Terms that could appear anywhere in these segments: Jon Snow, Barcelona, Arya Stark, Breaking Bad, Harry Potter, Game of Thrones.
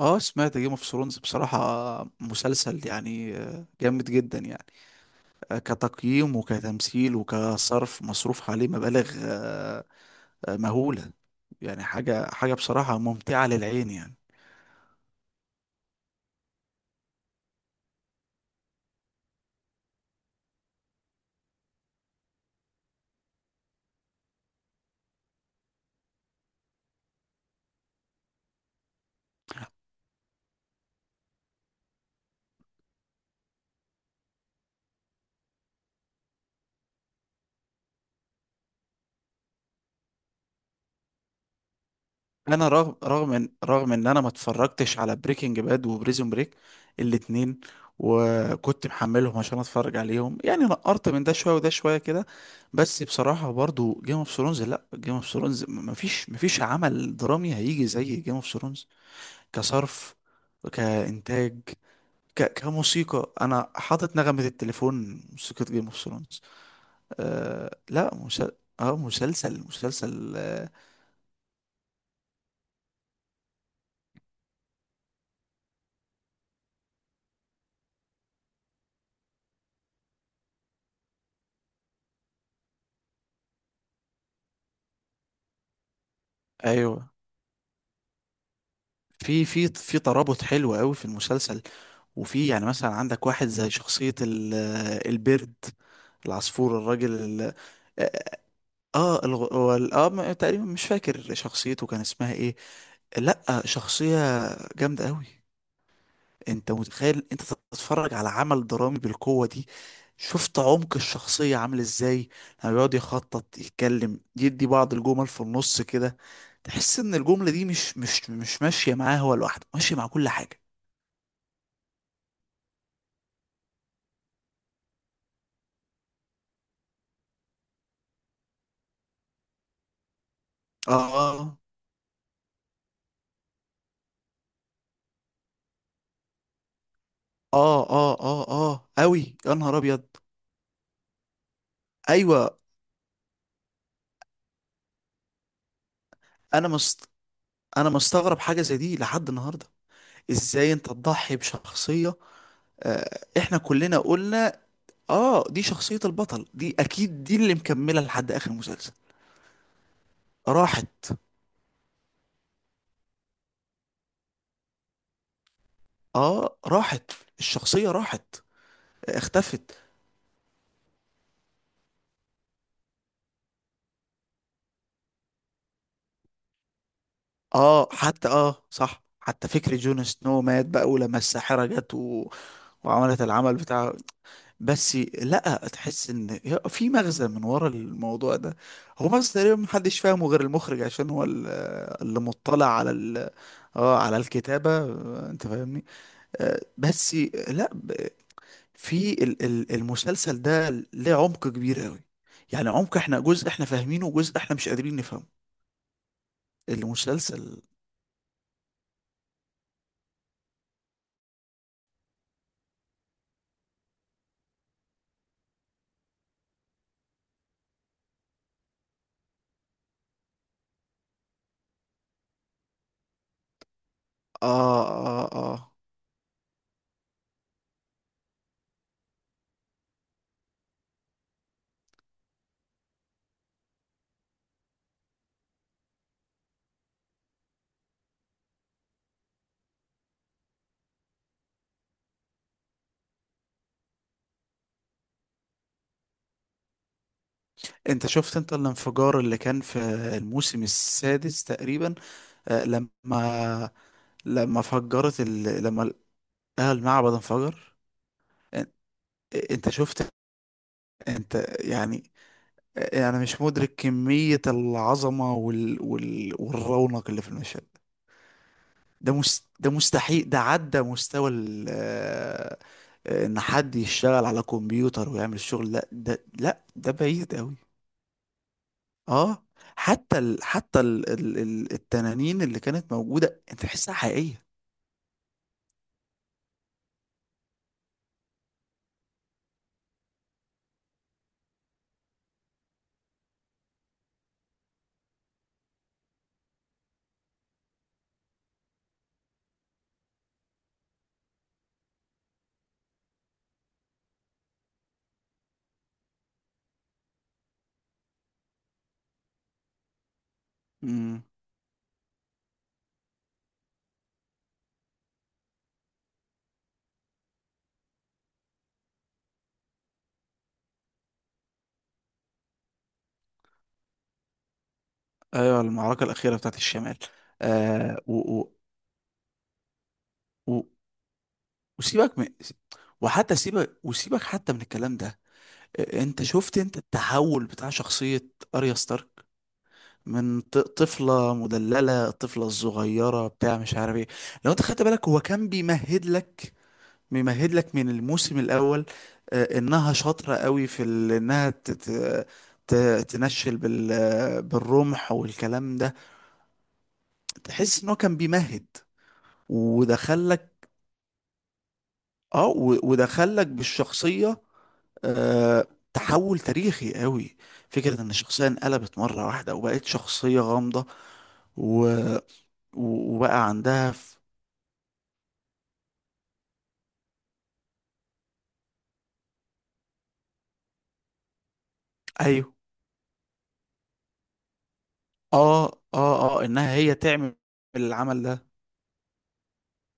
اه، سمعت جيم اوف ثرونز. بصراحة مسلسل، يعني جامد جدا يعني. كتقييم وكتمثيل وكصرف، مصروف عليه مبالغ مهولة. يعني حاجة حاجة بصراحة ممتعة للعين يعني. انا رغم ان انا ما اتفرجتش على بريكنج باد وبريزون بريك الاتنين، وكنت محملهم عشان اتفرج عليهم، يعني نقرت من ده شوية وده شوية كده. بس بصراحة برضو جيم اوف ثرونز لا جيم اوف ثرونز مفيش عمل درامي هيجي زي جيم اوف ثرونز. كصرف، كإنتاج، كموسيقى. أنا حاطط نغمة التليفون موسيقى جيم اوف ثرونز. آه... لا مسل... اه مسلسل مسلسل آه... ايوه، في ترابط حلو قوي في المسلسل. وفي يعني مثلا عندك واحد زي شخصية ال... آه، البرد، العصفور، الراجل ال... اه آه، آه، الغ... هو ال- اه م- تقريبا مش فاكر شخصيته كان اسمها ايه. لا، شخصية جامدة قوي. انت متخيل تتفرج على عمل درامي بالقوة دي؟ شفت عمق الشخصية عامل ازاي؟ لما بيقعد يخطط، يتكلم، يدي بعض الجمل في النص كده، تحس ان الجملة دي مش ماشية معاه هو لوحده، ماشية مع كل حاجة. اه، اه، اه، اه، اه، اوي يا نهار ابيض. ايوه. انا مست... انا مستغرب حاجة زي دي لحد النهاردة. ازاي انت تضحي بشخصية؟ احنا كلنا قلنا اه، دي شخصية البطل، دي اكيد دي اللي مكملة لحد اخر المسلسل. راحت. اه، راحت. الشخصية راحت، اختفت. اه، حتى اه، صح، حتى فكرة جون سنو مات بقى ولما الساحرة جت و... وعملت العمل بتاعه. بس لا، تحس ان في مغزى من ورا الموضوع ده. هو مغزى تقريبا محدش فاهمه غير المخرج، عشان هو اللي مطلع على ال... اه على الكتابة. انت فاهمني. بس لا، في المسلسل ده ليه عمق كبير قوي. يعني عمق احنا جزء احنا فاهمينه وجزء احنا مش قادرين نفهمه. المسلسل. اه، اه، اه، انت شفت انت الانفجار اللي كان في الموسم السادس تقريبا؟ لما فجرت ال... لما ال- آه المعبد انفجر. ان- انت شفت انت؟ يعني انا مش مدرك كمية العظمة وال... وال... والرونق اللي في المشهد ده مستحيل، ده عدى مستوى ال آه، آه، ان حد يشتغل على كمبيوتر ويعمل الشغل. لا ده، لا ده بعيد قوي. اه، حتى التنانين اللي كانت موجودة انت تحسها حقيقية. امم. ايوه، المعركة الأخيرة بتاعت الشمال. آه و... و... و... وسيبك من، وحتى سيبك وسيبك حتى من الكلام ده. انت شفت انت التحول بتاع شخصية اريا ستارك؟ من طفلة مدللة، الطفلة الصغيرة بتاع مش عارف ايه. لو انت خدت بالك هو كان بيمهد لك، بيمهد لك من الموسم الأول انها شاطرة قوي في ال- انها ت- ت- ت- تنشل بالرمح والكلام ده. تحس ان هو كان بيمهد ودخلك. اه، ودخلك بالشخصية. آه، تحول تاريخي قوي. فكرة ان الشخصية انقلبت مرة واحدة وبقت شخصية غامضة و... وبقى عندها. ايوه، اه، اه، اه، انها هي تعمل العمل ده.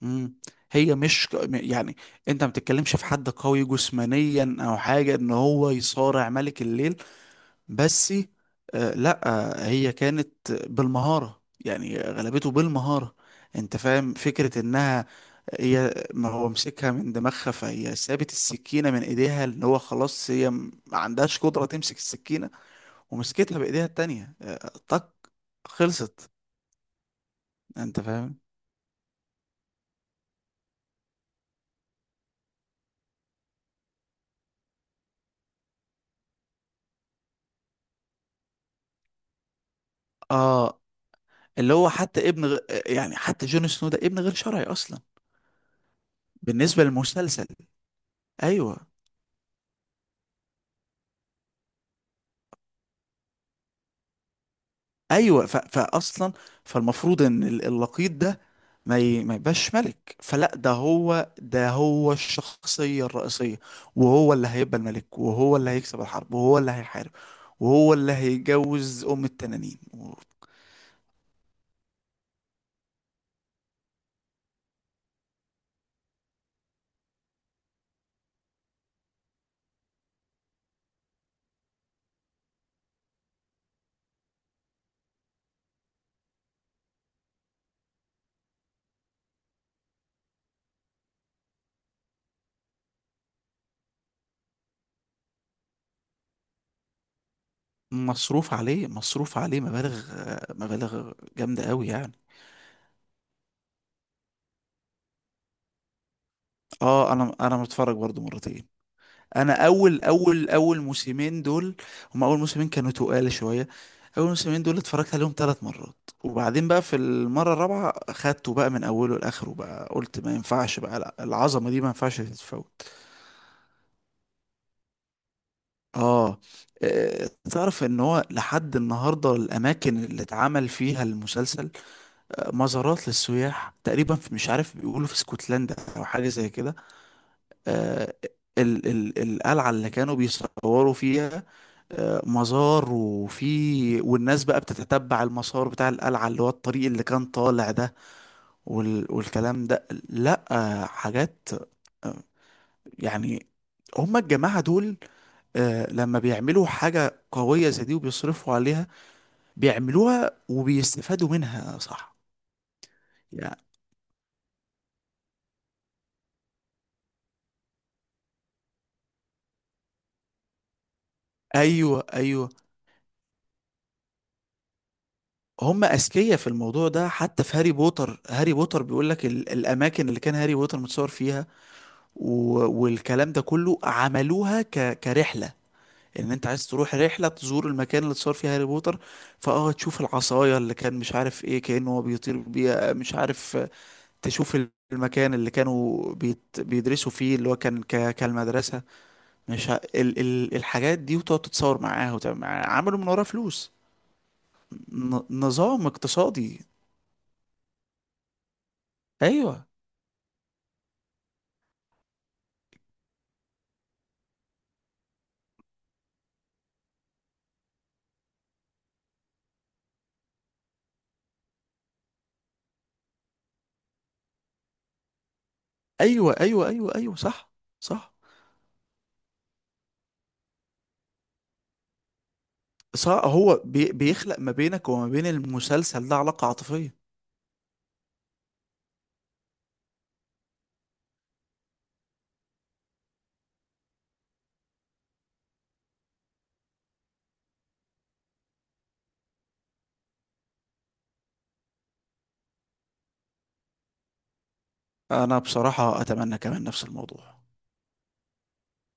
امم. هي مش ك- م- يعني انت ما بتتكلمش في حد قوي جسمانيا او حاجه ان هو يصارع ملك الليل. بس لا، هي كانت بالمهاره، يعني غلبته بالمهاره. انت فاهم فكره انها هي؟ ما هو مسكها من دماغها، فهي سابت السكينه من ايديها ان هو خلاص هي ما عندهاش قدره تمسك السكينه، ومسكتها بايديها التانيه. طق، خلصت. انت فاهم؟ اه، اللي هو حتى يعني حتى جون سنو ده ابن غير شرعي اصلا بالنسبه للمسلسل. ايوه، ايوه. فاصلا، فالمفروض ان اللقيط ده ما يبقاش ملك، فلا، ده هو، ده هو الشخصيه الرئيسيه، وهو اللي هيبقى الملك، وهو اللي هيكسب الحرب، وهو اللي هيحارب، وهو اللي هيجوز ام التنانين و... مصروف عليه مبالغ، مبالغ جامده قوي يعني. اه، انا متفرج برضو مرتين. انا اول موسمين دول، هم اول موسمين كانوا تقال شويه. اول موسمين دول اتفرجت عليهم 3 مرات، وبعدين بقى في المره الرابعه خدته بقى من اوله لاخره، بقى قلت ما ينفعش بقى، لا، العظمه دي ما ينفعش تتفوت. اه. تعرف ان هو لحد النهارده الاماكن اللي اتعمل فيها المسلسل مزارات للسياح تقريبا في، مش عارف، بيقولوا في اسكتلندا او حاجه زي كده. آه، ال القلعة اللي كانوا بيصوروا فيها مزار، وفي والناس بقى بتتتبع المسار بتاع القلعة اللي هو الطريق اللي كان طالع ده وال والكلام ده. لا، حاجات، آه، يعني، هما الجماعة دول، لما بيعملوا حاجة قوية زي دي وبيصرفوا عليها، بيعملوها وبيستفادوا منها. صح، يعني. ايوه، ايوه. هم اذكياء في الموضوع ده. حتى في هاري بوتر، هاري بوتر بيقول لك الاماكن اللي كان هاري بوتر متصور فيها و- والكلام ده كله، عملوها كرحله، ان انت عايز تروح رحله تزور المكان اللي اتصور فيه هاري بوتر، فاه تشوف العصايه اللي كان، مش عارف ايه، كانه هو بيطير بيها، مش عارف. تشوف المكان اللي كانوا بيدرسوا فيه اللي هو كان كالمدرسه، مش ه... ال... ال... الحاجات دي، وتقعد تتصور معاها وتعمل معاها، عملوا من وراها فلوس. ن... نظام اقتصادي. ايوه، ايوه، ايوه، ايوه، ايوه، صح، صح، صح. هو بيخلق ما بينك وما بين المسلسل ده علاقة عاطفية. انا بصراحة اتمنى كمان نفس الموضوع.